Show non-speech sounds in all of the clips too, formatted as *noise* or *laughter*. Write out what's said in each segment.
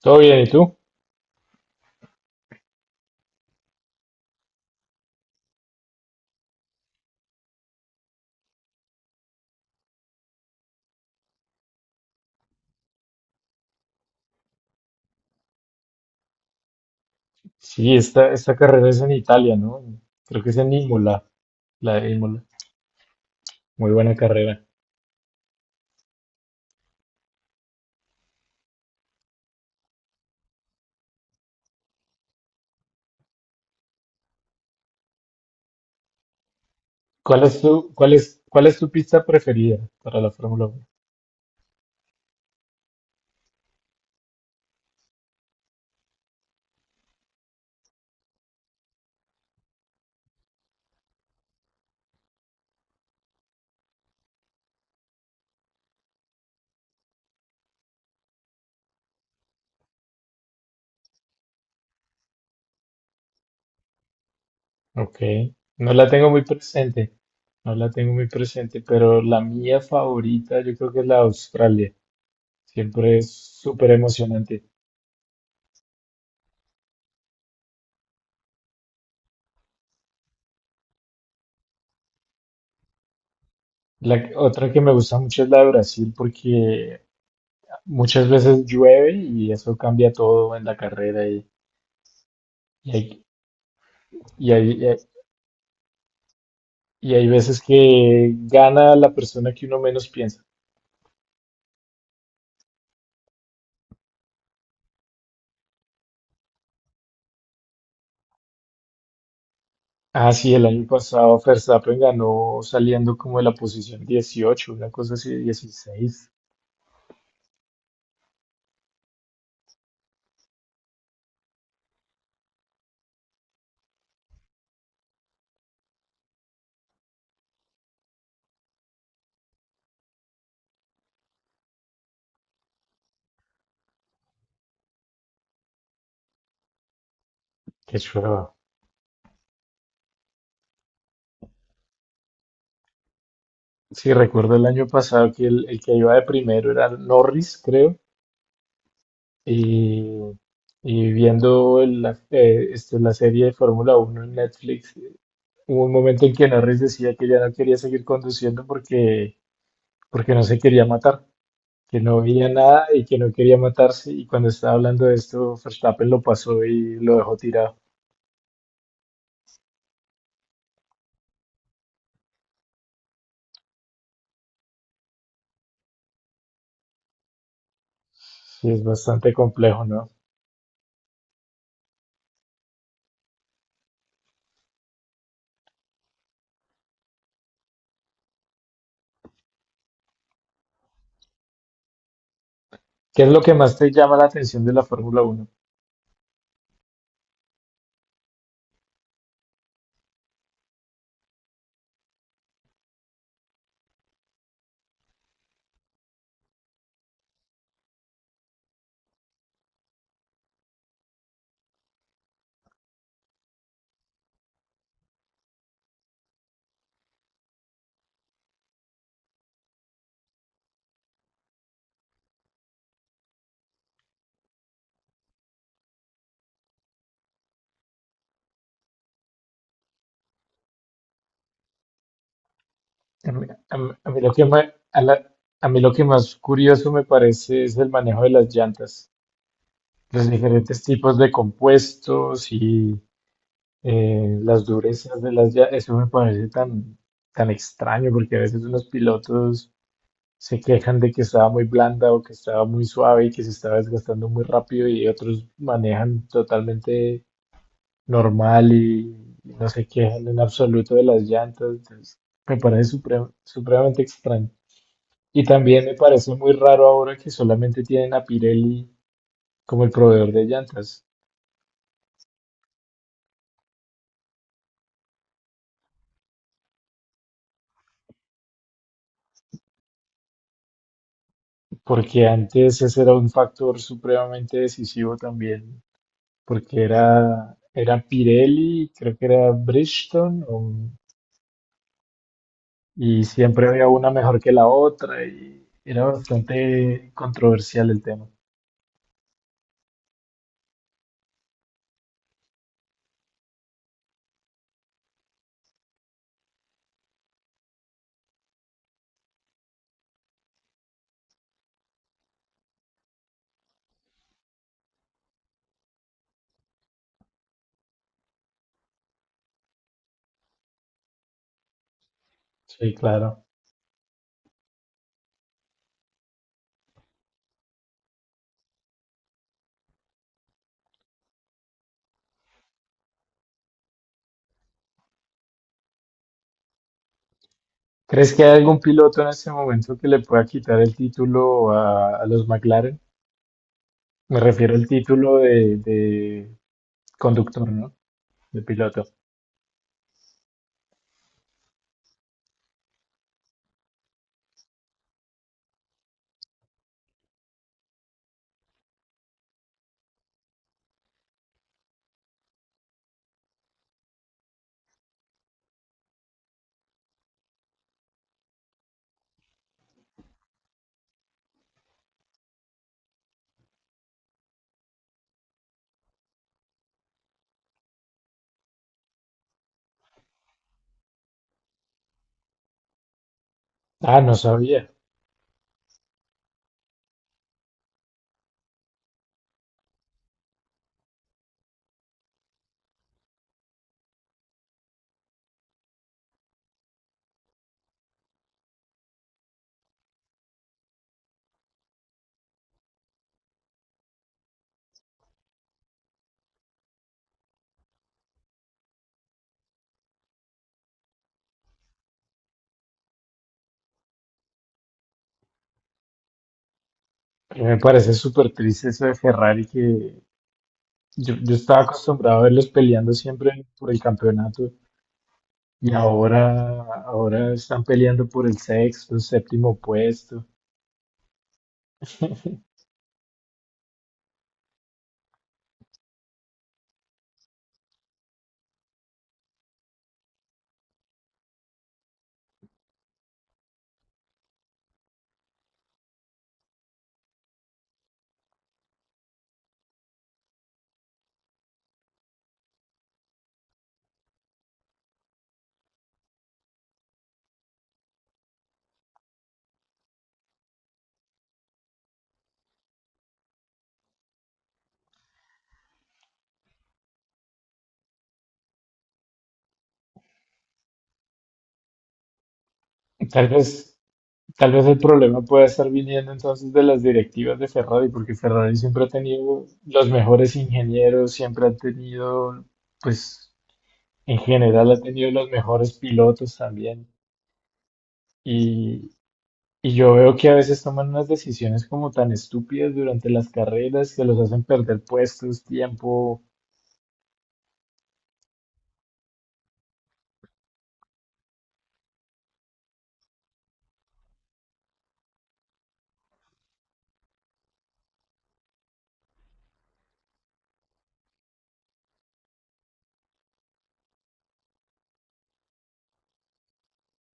Todo bien, ¿y tú? Sí, esta carrera es en Italia, ¿no? Creo que es en Imola, la de Imola. Muy buena carrera. Cuál es tu pista preferida para la Fórmula 1? Ok, no la tengo muy presente, no la tengo muy presente, pero la mía favorita yo creo que es la de Australia. Siempre es súper emocionante. Otra que me gusta mucho es la de Brasil porque muchas veces llueve y eso cambia todo en la carrera y hay, y hay veces que gana la persona que uno menos piensa. Ah, sí, el año pasado Verstappen ganó saliendo como de la posición 18, una cosa así, 16. Qué chueva. Sí, recuerdo el año pasado que el que iba de primero era Norris, creo. Y, y viendo la serie de Fórmula 1 en Netflix, hubo un momento en que Norris decía que ya no quería seguir conduciendo porque no se quería matar. Que no veía nada y que no quería matarse. Y cuando estaba hablando de esto, Verstappen lo pasó y lo dejó tirado. Sí, es bastante complejo, ¿no? ¿Qué es lo que más te llama la atención de la Fórmula 1? A mí, a mí- a mí lo que ma- a la- a mí lo que más curioso me parece es el manejo de las llantas, los diferentes tipos de compuestos y las durezas de las llantas. Eso me parece tan extraño porque a veces unos pilotos se quejan de que estaba muy blanda o que estaba muy suave y que se estaba desgastando muy rápido y otros manejan totalmente normal y no se quejan en absoluto de las llantas. Entonces, me parece supremamente extraño. Y también me parece muy raro ahora que solamente tienen a Pirelli como el proveedor de llantas, porque antes ese era un factor supremamente decisivo también, porque era Pirelli, creo que era Bridgestone o y siempre había una mejor que la otra y era bastante controversial el tema. Sí, claro. ¿Crees que hay algún piloto en este momento que le pueda quitar el título a los McLaren? Me refiero al título de conductor, ¿no? De piloto. Ah, no sabía. Y me parece súper triste eso de Ferrari que yo estaba acostumbrado a verlos peleando siempre por el campeonato y ahora están peleando por el sexto, séptimo puesto. *laughs* Tal vez, Tal vez el problema pueda estar viniendo entonces de las directivas de Ferrari, porque Ferrari siempre ha tenido los mejores ingenieros, siempre ha tenido, pues, en general ha tenido los mejores pilotos también. Y, y yo veo que a veces toman unas decisiones como tan estúpidas durante las carreras que los hacen perder puestos, tiempo.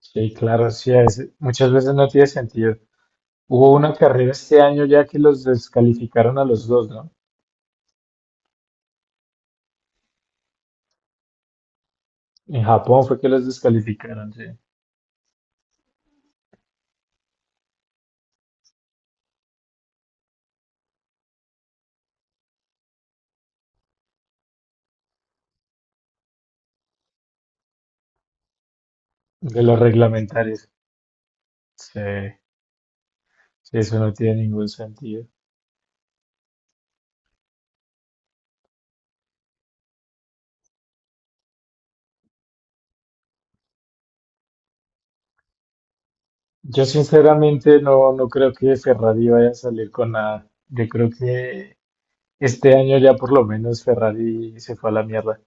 Sí, claro, sí, muchas veces no tiene sentido. Hubo una carrera este año ya que los descalificaron a los dos, ¿no? En Japón fue que los descalificaron, sí, de los reglamentarios. Sí, sí, eso no tiene ningún sentido. Yo sinceramente no, no creo que Ferrari vaya a salir con nada. Yo creo que este año ya por lo menos Ferrari se fue a la mierda.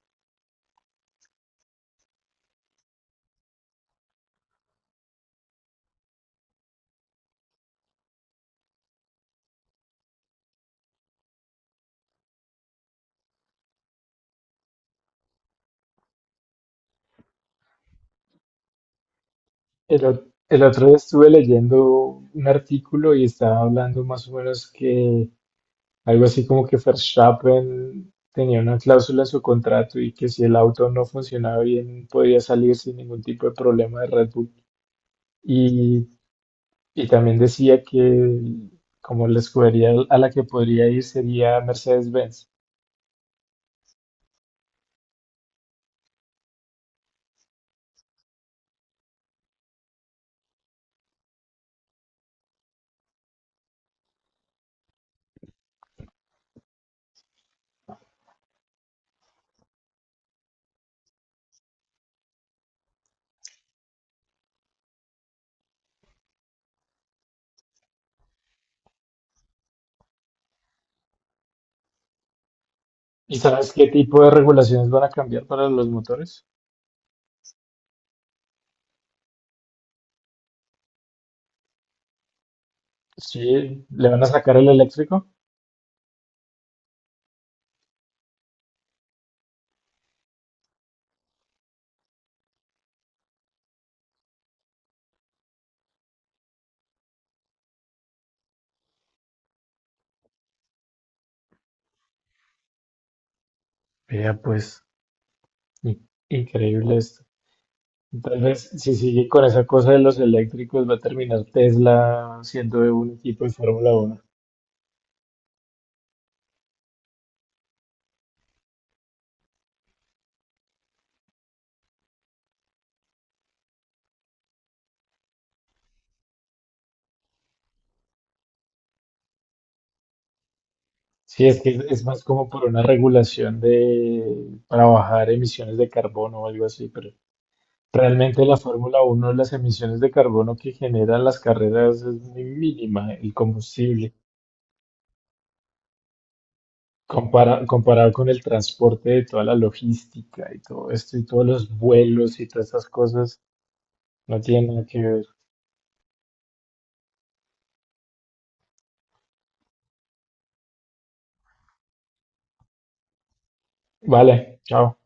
El otro día estuve leyendo un artículo y estaba hablando más o menos que algo así como que Verstappen tenía una cláusula en su contrato y que si el auto no funcionaba bien podía salir sin ningún tipo de problema de Red Bull. Y, y también decía que como la escudería a la que podría ir sería Mercedes-Benz. ¿Y sabes qué tipo de regulaciones van a cambiar para los motores? Sí, le van a sacar el eléctrico. Vea, pues, increíble esto. Tal vez si sigue con esa cosa de los eléctricos va a terminar Tesla siendo de un equipo de Fórmula 1. Sí, es que es más como por una regulación de para bajar emisiones de carbono o algo así, pero realmente la Fórmula 1, las emisiones de carbono que generan las carreras es muy mínima, el combustible, comparado con el transporte de toda la logística y todo esto y todos los vuelos y todas esas cosas, no tiene nada que ver. Vale, chao.